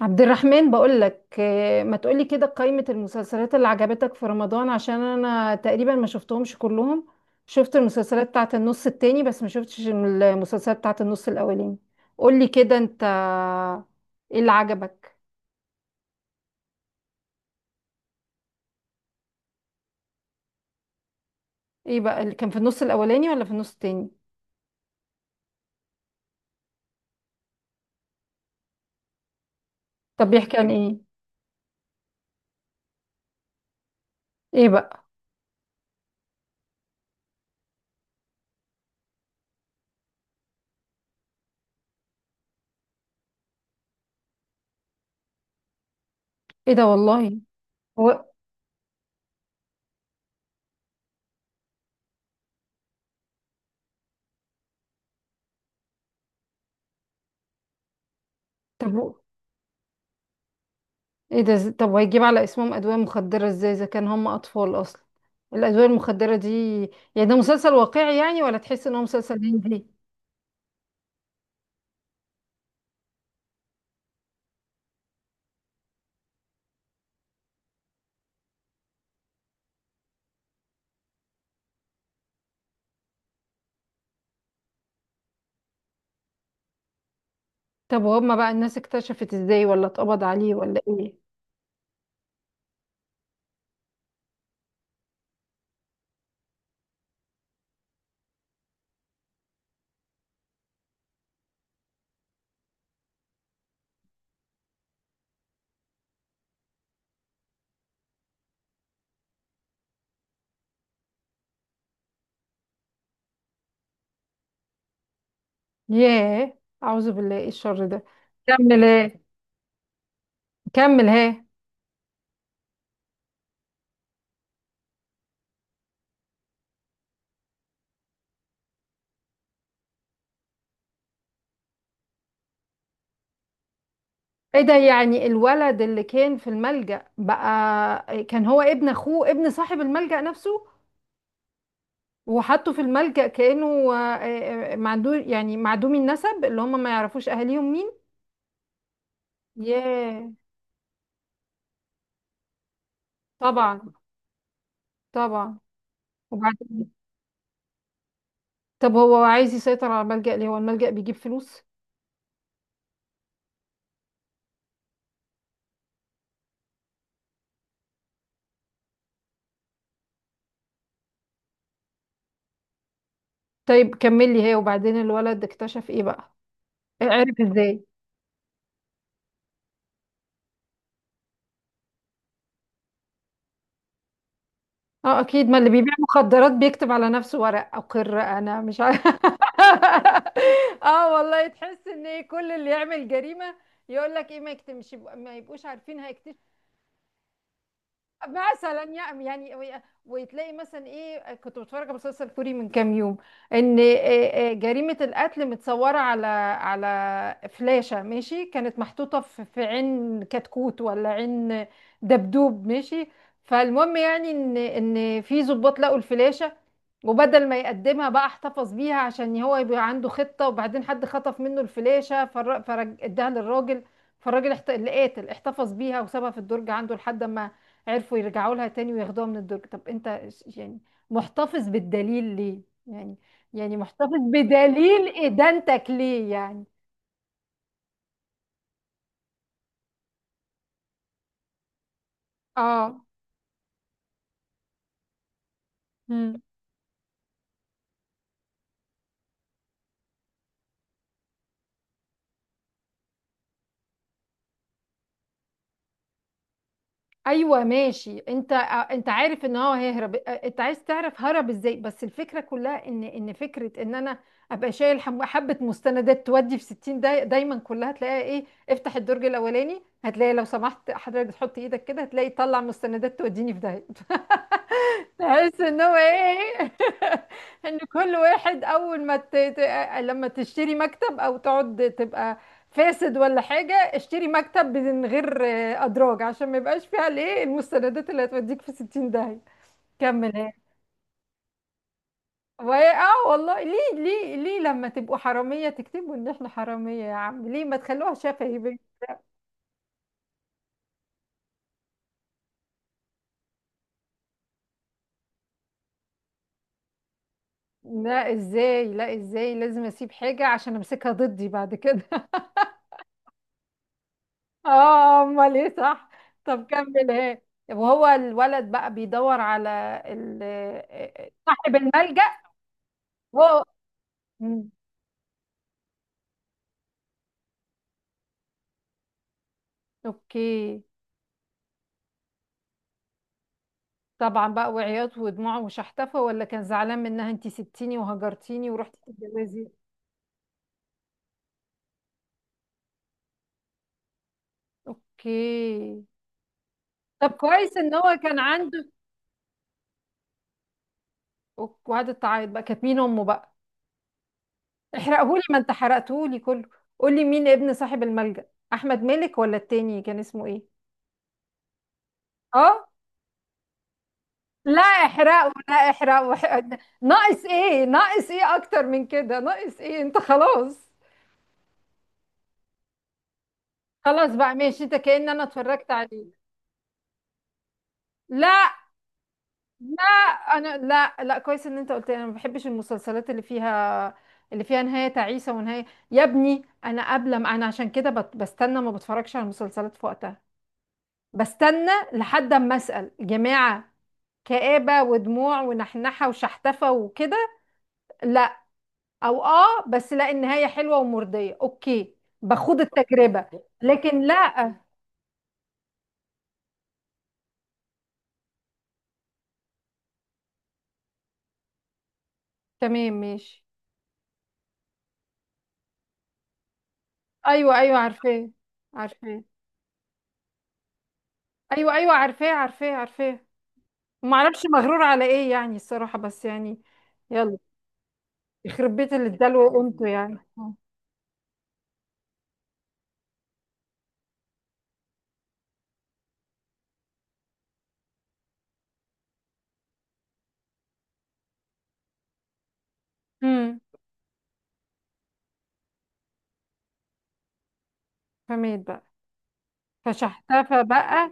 عبد الرحمن بقول لك، ما تقولي كده قائمة المسلسلات اللي عجبتك في رمضان عشان انا تقريبا ما شفتهمش كلهم. شفت المسلسلات بتاعت النص التاني بس ما شفتش المسلسلات بتاعت النص الاولاني. قولي كده انت، ايه اللي عجبك؟ ايه بقى اللي كان في النص الاولاني ولا في النص التاني؟ طب بيحكي عن ايه؟ ايه بقى؟ ايه ده والله. هو طب ايه ده؟ طب وهيجيب على اسمهم ادوية مخدرة ازاي اذا كان هم اطفال اصلا؟ الادوية المخدرة دي؟ يعني ده مسلسل واقعي يعني، ولا تحس ان هو مسلسل هندي؟ طب وهم بقى، الناس اكتشفت ازاي، ولا اتقبض عليه، ولا ايه؟ ياه، اعوذ بالله، ايه الشر ده؟ كمل ايه. كمل ايه. ايه ده، يعني الولد اللي كان في الملجأ بقى كان هو ابن اخوه، ابن صاحب الملجأ نفسه؟ وحطه في الملجأ كأنه آه، معدوم، يعني معدومي النسب اللي هم ما يعرفوش اهاليهم مين؟ ياه. طبعا. طبعا. وبعدين؟ طب هو عايز يسيطر على الملجأ ليه؟ هو الملجأ بيجيب فلوس؟ طيب كمل لي هي، وبعدين الولد اكتشف ايه بقى؟ عرف ازاي؟ اه اكيد، ما اللي بيبيع مخدرات بيكتب على نفسه ورق اقر انا مش عارف اه والله، تحس ان كل اللي يعمل جريمة يقول لك ايه ما يكتمش، ما يبقوش عارفين هيكتشف. مثلا يعني وتلاقي مثلا، ايه كنت بتفرج على مسلسل كوري من كام يوم. ان آه، جريمة القتل متصورة على على فلاشة، ماشي؟ كانت محطوطة في عين كتكوت ولا عين دبدوب، ماشي؟ فالمهم يعني ان في ضباط لقوا الفلاشة، وبدل ما يقدمها بقى احتفظ بيها عشان هو يبقى عنده خطة، وبعدين حد خطف منه الفلاشة فرج اداها للراجل. فالراجل اللي قاتل احتفظ بيها وسابها في الدرج عنده لحد ما عرفوا يرجعوا لها تاني وياخدوها من الدرج. طب انت يعني محتفظ بالدليل ليه؟ يعني، يعني محتفظ بدليل ادانتك ليه يعني؟ اه. مم. ايوه ماشي. انت عارف ان هو هيهرب، انت عايز تعرف هرب ازاي، بس الفكره كلها ان فكره ان انا ابقى شايل حبه مستندات تودي في 60 دايما كلها تلاقيها ايه، افتح الدرج الاولاني هتلاقي، لو سمحت حضرتك تحط ايدك كده هتلاقي، طلع مستندات توديني في ده. تحس ان هو ايه ان كل واحد اول ما لما تشتري مكتب او تقعد تبقى فاسد ولا حاجة، اشتري مكتب من غير ادراج عشان ما يبقاش فيها الايه، المستندات اللي هتوديك في 60 داهية. كمل ايه. وهي، اه والله، ليه ليه ليه لما تبقوا حرامية تكتبوا ان احنا حرامية يا عم، ليه ما تخلوها شفهي بيه؟ لا ازاي، لا ازاي لازم اسيب حاجة عشان امسكها ضدي بعد كده؟ اه امال ايه، صح. طب كمل ايه. وهو الولد بقى بيدور على صاحب الملجأ؟ هو. مم. اوكي. طبعا بقى، وعياط ودموع وشحتفة، ولا كان زعلان منها انتي سبتيني وهجرتيني ورحتي تتجوزي؟ اوكي. طب كويس ان هو كان عنده. وقعدت تعيط بقى، كانت مين امه بقى؟ احرقهولي، ما انت حرقتهولي كله. قولي مين ابن صاحب الملجأ، احمد مالك ولا التاني كان اسمه ايه؟ اه. لا احرقوا، لا احرقوا، ناقص ايه، ناقص ايه اكتر من كده، ناقص ايه انت، خلاص. خلاص بقى ماشي، انت كأن انا اتفرجت عليه. لا. لا. انا، لا، لا، كويس ان انت قلت لي. انا ما بحبش المسلسلات اللي فيها، اللي فيها نهاية تعيسة، ونهاية. يا ابني انا قبل ما، عشان كده بستنى، ما بتفرجش على المسلسلات في وقتها، بستنى لحد اما اسأل جماعة. كآبة ودموع ونحنحة وشحتفة وكده، لا. او اه بس، لا، النهاية حلوة ومرضية اوكي، باخد التجربة. لكن لا. تمام ماشي. ايوه، ايوه، عارفاه، عارفاه. ايوه، ايوه، عارفاه، عارفاه، عارفاه. ما اعرفش مغرور على ايه يعني الصراحة، بس يعني. يلا. يخرب بيت اللي اداله قيمته يعني. امم. فمات بقى. فشحتفى بقى.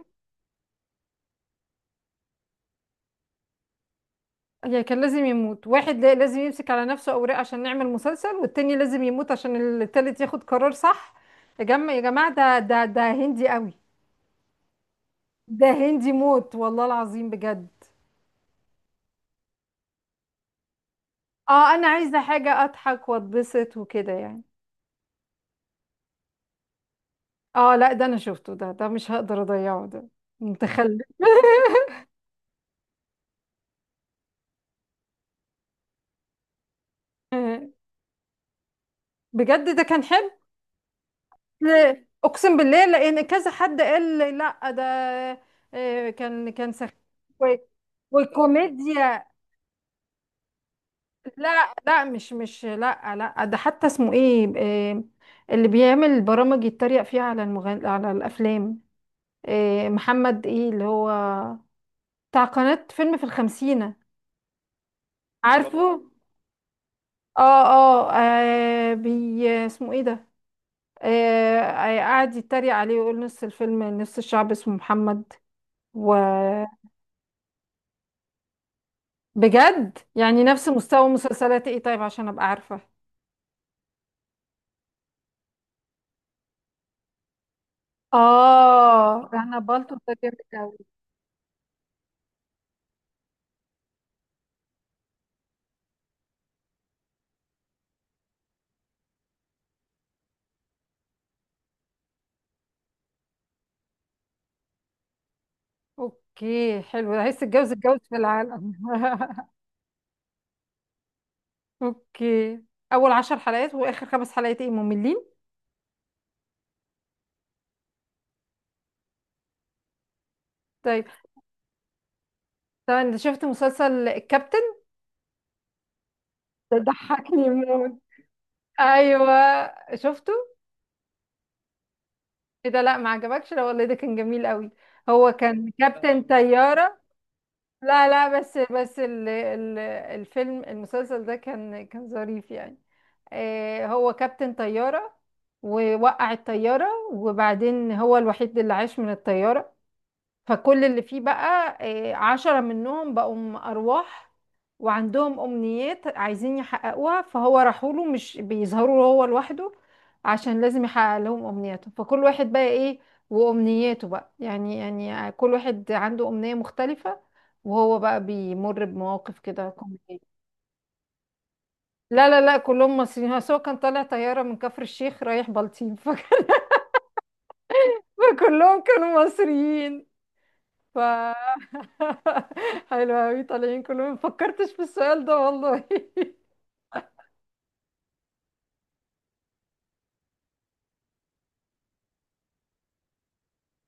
يعني كان لازم يموت واحد، لازم يمسك على نفسه اوراق عشان نعمل مسلسل، والتاني لازم يموت عشان التالت ياخد قرار صح؟ يا جماعة، يا جماعة، ده هندي قوي. ده هندي موت، والله العظيم بجد. اه انا عايزه حاجه اضحك واتبسط وكده يعني. اه لا ده انا شفته، ده مش هقدر اضيعه ده، متخلف بجد ده كان حلو. لا، اقسم بالله، لان كذا حد قال لي لا ده كان سخيف و- والكوميديا. لا، لا، مش لا، لا، ده حتى اسمه ايه، اللي بيعمل برامج يتريق فيها على على الافلام. محمد ايه اللي هو بتاع قناة فيلم في الخمسينة. طبعا عارفه. اه، اه، اسمه ايه ده؟ قعد يتريق عليه ويقول نص الفيلم، نص الشعب اسمه محمد. وبجد، يعني نفس مستوى مسلسلات ايه، طيب عشان ابقى عارفة. اه انا بالطو ده جامد أوي. اوكي، حلو، ده عايز تتجوز اتجوز في العالم اوكي. اول 10 حلقات واخر خمس حلقات ايه، مملين؟ طيب. طبعا، انت شفت مسلسل الكابتن؟ ده ضحكني موت. ايوه شفته. ايه ده، لا ما عجبكش؟ لا والله ده كان جميل قوي، هو كان كابتن طيارة. لا لا، بس ال الفيلم، المسلسل ده كان ظريف يعني. هو كابتن طيارة ووقع الطيارة، وبعدين هو الوحيد اللي عاش من الطيارة، فكل اللي فيه بقى 10 منهم بقوا أرواح، وعندهم أمنيات عايزين يحققوها، فهو راحوا له، مش بيظهروا هو لوحده، عشان لازم يحقق لهم أمنياتهم، فكل واحد بقى إيه وأمنياته بقى يعني، يعني كل واحد عنده أمنية مختلفة، وهو بقى بيمر بمواقف كده كوميدية. لا لا لا، كلهم مصريين، بس هو كان طالع طيارة من كفر الشيخ رايح بلطيم فكلهم كانوا مصريين. ف حلو أوي طالعين كلهم، مفكرتش في السؤال ده والله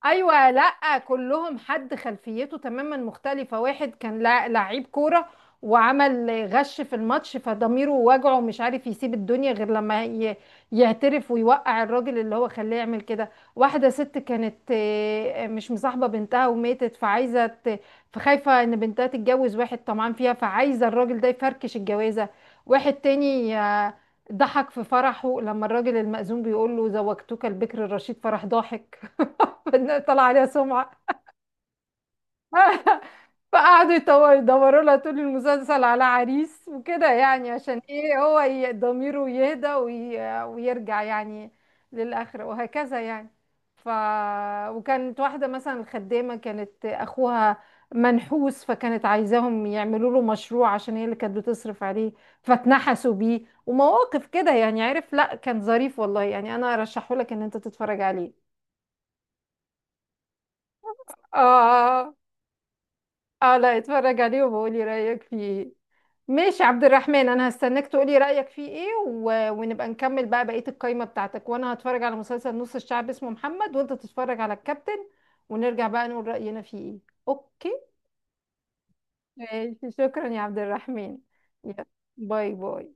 ايوه، لا كلهم حد خلفيته تماما مختلفه. واحد كان لعيب كوره، وعمل غش في الماتش، فضميره وجعه، مش عارف يسيب الدنيا غير لما يعترف ويوقع الراجل اللي هو خلاه يعمل كده. واحده ست كانت مش مصاحبه بنتها وماتت، فعايزه فخايفه ان بنتها تتجوز واحد طمعان فيها، فعايزه الراجل ده يفركش الجوازه. واحد تاني ضحك في فرحه لما الراجل المأذون بيقول له زوجتك البكر الرشيد، فرح ضاحك، طلع عليها سمعة فقعدوا يدوروا لها طول المسلسل على عريس وكده، يعني عشان ايه هو ضميره يهدى ويرجع يعني للآخرة، وهكذا يعني. ف وكانت واحدة مثلا خدامة، كانت أخوها منحوس، فكانت عايزاهم يعملوا له مشروع عشان هي اللي كانت بتصرف عليه، فاتنحسوا بيه. ومواقف كده يعني، عارف، لا كان ظريف والله يعني، أنا أرشحه لك إن أنت تتفرج عليه. آه. اه لا اتفرج عليه وبقولي رأيك فيه ايه. ماشي عبد الرحمن، انا هستناك تقولي رأيك فيه ايه، ونبقى نكمل بقى بقية القايمة بتاعتك، وانا هتفرج على مسلسل نص الشعب اسمه محمد، وانت تتفرج على الكابتن، ونرجع بقى نقول رأينا فيه ايه. اوكي. ماشي، شكرا يا عبد الرحمن. يلا، باي باي.